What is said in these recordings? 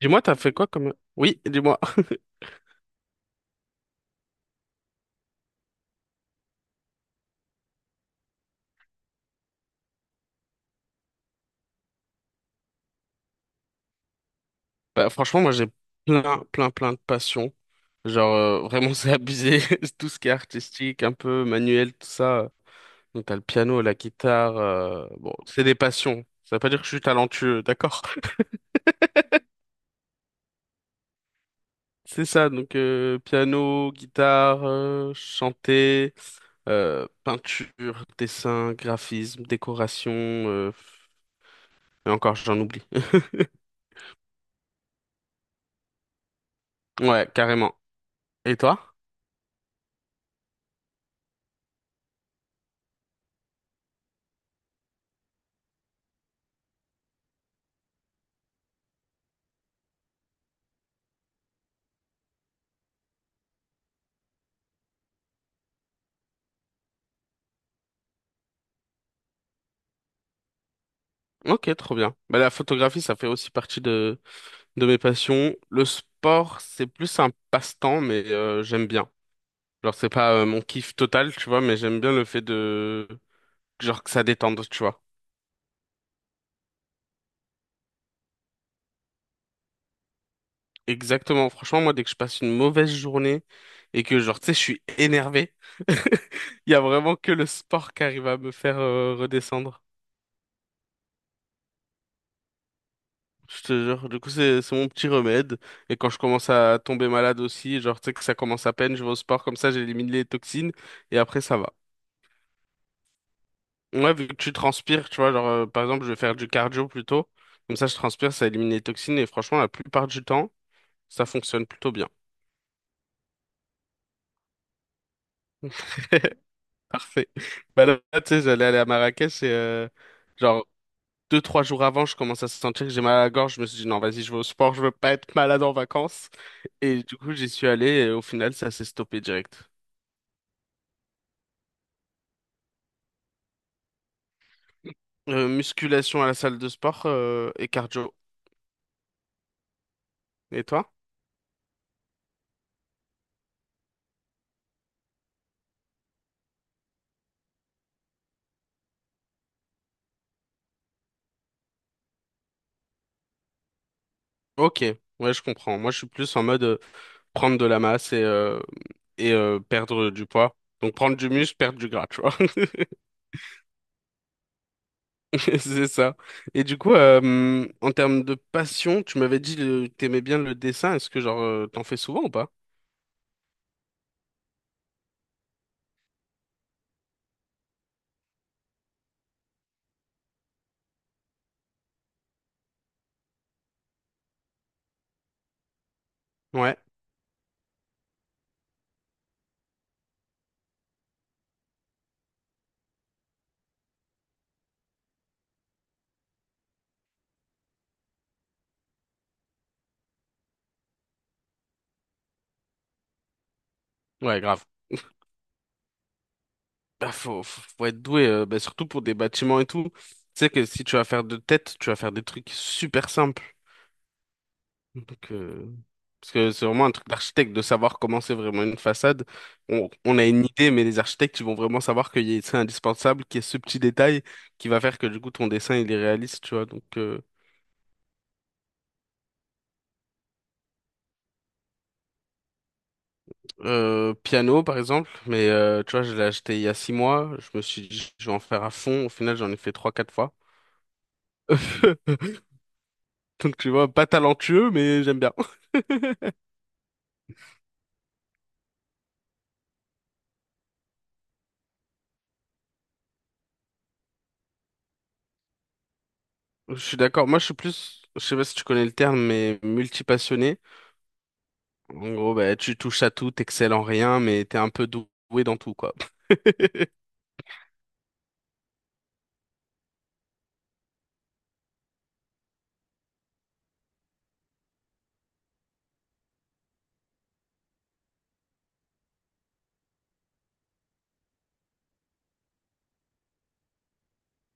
Dis-moi, t'as fait quoi comme... oui, dis-moi. Bah, franchement, moi, j'ai plein, plein, plein de passions. Genre, vraiment, c'est abusé. Tout ce qui est artistique, un peu manuel, tout ça. Donc, t'as le piano, la guitare. Bon, c'est des passions. Ça veut pas dire que je suis talentueux, d'accord? C'est ça, donc piano, guitare, chanter, peinture, dessin, graphisme, décoration, et encore j'en oublie. Ouais, carrément. Et toi? Ok, trop bien. Bah, la photographie, ça fait aussi partie de mes passions. Le sport, c'est plus un passe-temps, mais j'aime bien. Genre, c'est pas mon kiff total, tu vois, mais j'aime bien le fait de... Genre, que ça détende, tu vois. Exactement. Franchement, moi, dès que je passe une mauvaise journée et que, genre, tu sais, je suis énervé, il y a vraiment que le sport qui arrive à me faire redescendre. Je te jure. Du coup, c'est mon petit remède. Et quand je commence à tomber malade aussi, genre, tu sais que ça commence à peine, je vais au sport, comme ça, j'élimine les toxines et après, ça va. Ouais, vu que tu transpires, tu vois, genre, par exemple, je vais faire du cardio plutôt. Comme ça, je transpire, ça élimine les toxines. Et franchement, la plupart du temps, ça fonctionne plutôt bien. Parfait. Bah là, tu sais, j'allais aller à Marrakech et, genre, deux, trois jours avant, je commence à sentir que j'ai mal à la gorge. Je me suis dit, non, vas-y, je vais au sport, je veux pas être malade en vacances. Et du coup, j'y suis allé et au final, ça s'est stoppé direct. Musculation à la salle de sport, et cardio. Et toi? Ok, ouais, je comprends. Moi, je suis plus en mode. Prendre de la masse et perdre du poids. Donc prendre du muscle, perdre du gras, tu vois. C'est ça. Et du coup, en termes de passion, tu m'avais dit que t'aimais bien le dessin. Est-ce que genre t'en fais souvent ou pas? Ouais, ouais, grave. Bah, faut être doué, bah, surtout pour des bâtiments et tout. Tu sais que si tu vas faire de tête, tu vas faire des trucs super simples. Donc, parce que c'est vraiment un truc d'architecte de savoir comment c'est vraiment une façade. On a une idée, mais les architectes, ils vont vraiment savoir qu'il y a, c'est indispensable, qu'il y a ce petit détail qui va faire que du coup ton dessin il est réaliste, tu vois. Donc, piano par exemple, mais tu vois, je l'ai acheté il y a 6 mois. Je me suis dit, je vais en faire à fond. Au final, j'en ai fait trois, quatre fois. Donc, tu vois, pas talentueux, mais j'aime bien. Je suis d'accord. Moi, je suis plus, je sais pas si tu connais le terme, mais multipassionné. En gros, bah, tu touches à tout, t'excelles en rien, mais t'es un peu doué dans tout, quoi.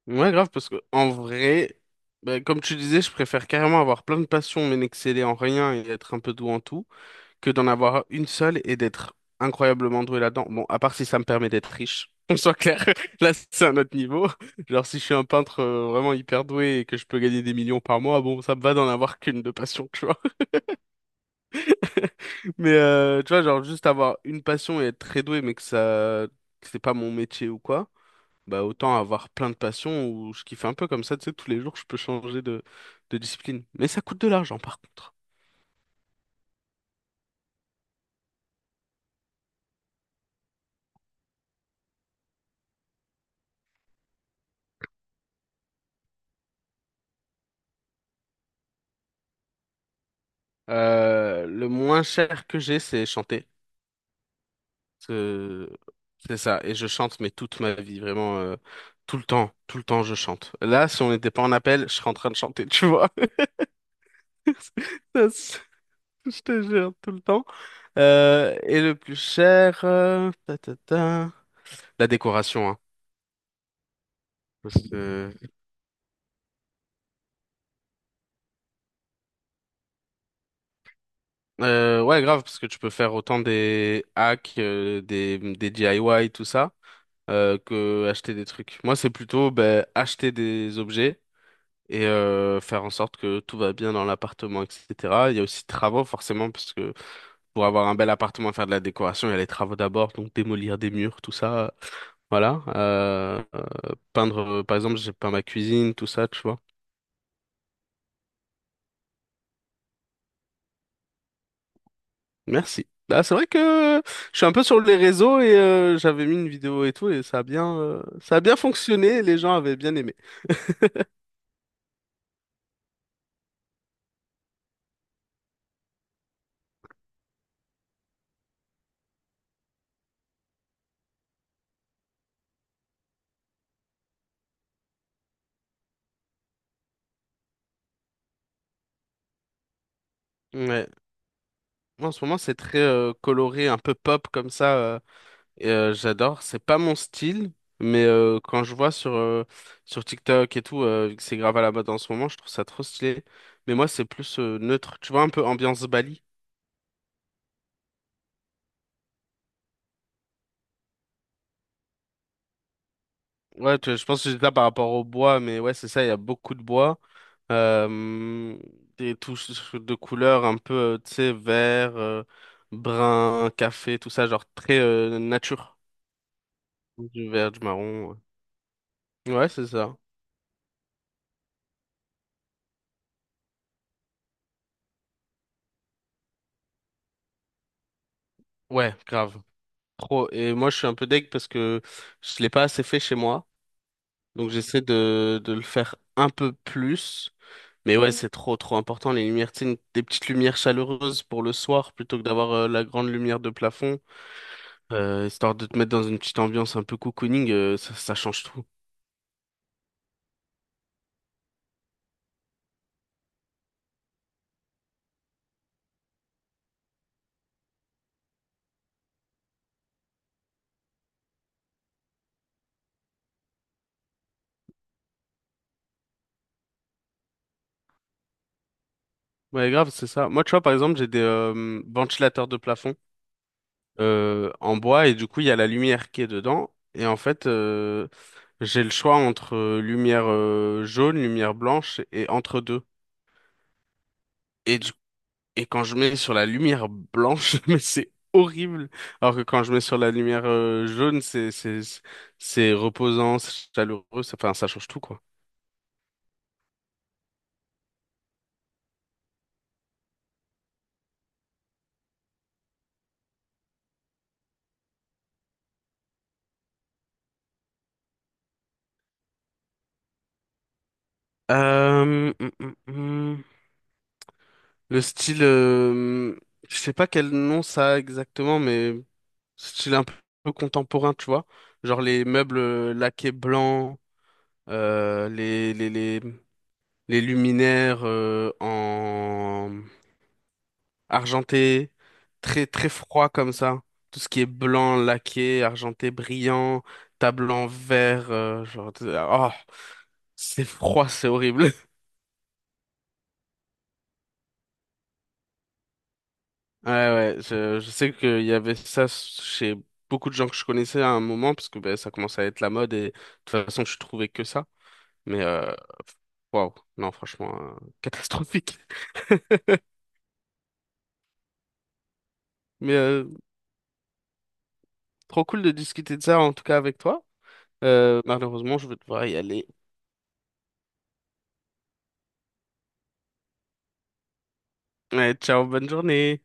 Ouais, grave, parce que en vrai, bah, comme tu disais, je préfère carrément avoir plein de passions, mais n'exceller en rien et être un peu doué en tout, que d'en avoir une seule et d'être incroyablement doué là-dedans. Bon, à part si ça me permet d'être riche. On soit clair, là c'est un autre niveau. Genre si je suis un peintre vraiment hyper doué et que je peux gagner des millions par mois, bon ça me va d'en avoir qu'une de passion, tu vois. Mais tu vois, genre juste avoir une passion et être très doué, mais que c'est pas mon métier ou quoi, bah autant avoir plein de passions où je kiffe un peu comme ça, tu sais, tous les jours je peux changer de discipline. Mais ça coûte de l'argent par contre. Le moins cher que j'ai, c'est chanter. C'est c'est ça. Et je chante, mais toute ma vie, vraiment, tout le temps je chante. Là, si on n'était pas en appel, je serais en train de chanter, tu vois. Ça, c'est- Je te jure, tout le temps. Et le plus cher, ta, ta, ta. La décoration, hein. Parce que- ouais, grave, parce que tu peux faire autant des hacks, des DIY, tout ça, que acheter des trucs. Moi, c'est plutôt ben, acheter des objets et faire en sorte que tout va bien dans l'appartement, etc. Il y a aussi travaux, forcément, parce que pour avoir un bel appartement, faire de la décoration, il y a les travaux d'abord, donc démolir des murs, tout ça. Voilà. Peindre, par exemple, j'ai peint ma cuisine, tout ça, tu vois. Merci. Bah, c'est vrai que je suis un peu sur les réseaux et j'avais mis une vidéo et tout et ça a bien fonctionné, les gens avaient bien aimé. Ouais. Moi, en ce moment, c'est très coloré, un peu pop comme ça. Et, j'adore. C'est pas mon style, mais quand je vois sur, sur TikTok et tout, vu que c'est grave à la mode en ce moment, je trouve ça trop stylé. Mais moi, c'est plus neutre. Tu vois, un peu ambiance Bali. Ouais, je pense que c'est ça par rapport au bois, mais ouais, c'est ça, il y a beaucoup de bois. Euh, des touches de couleurs un peu, tu sais, vert, brun, café, tout ça, genre très nature. Du vert, du marron. Ouais, ouais, c'est ça. Ouais, grave. Trop. Et moi, je suis un peu deg parce que je l'ai pas assez fait chez moi. Donc, j'essaie de le faire un peu plus. Mais ouais, c'est trop, trop important. Les lumières, tu sais, des petites lumières chaleureuses pour le soir plutôt que d'avoir la grande lumière de plafond. Histoire de te mettre dans une petite ambiance un peu cocooning, ça, ça change tout. Ouais, grave, c'est ça. Moi, tu vois, par exemple, j'ai des ventilateurs de plafond en bois et du coup, il y a la lumière qui est dedans. Et en fait, j'ai le choix entre lumière jaune, lumière blanche et entre deux. Et, du- et quand je mets sur la lumière blanche, mais c'est horrible. Alors que quand je mets sur la lumière jaune, c'est reposant, c'est chaleureux, ça, enfin, ça change tout, quoi. Euh, hum, hum, hum. Le style, je sais pas quel nom ça a exactement, mais style un peu contemporain, tu vois. Genre les meubles laqués blancs, euh, les, les, les, les luminaires en argenté, très, très froid comme ça. Tout ce qui est blanc, laqué, argenté, brillant, table en verre, genre, oh, c'est froid, c'est horrible. Ouais, ouais, je sais qu'il y avait ça chez beaucoup de gens que je connaissais à un moment, parce que ben, ça commençait à être la mode et de toute façon, je trouvais que ça. Mais waouh, non, franchement, catastrophique. Mais trop cool de discuter de ça en tout cas avec toi. Malheureusement, je vais devoir y aller. Ouais, ciao, bonne journée.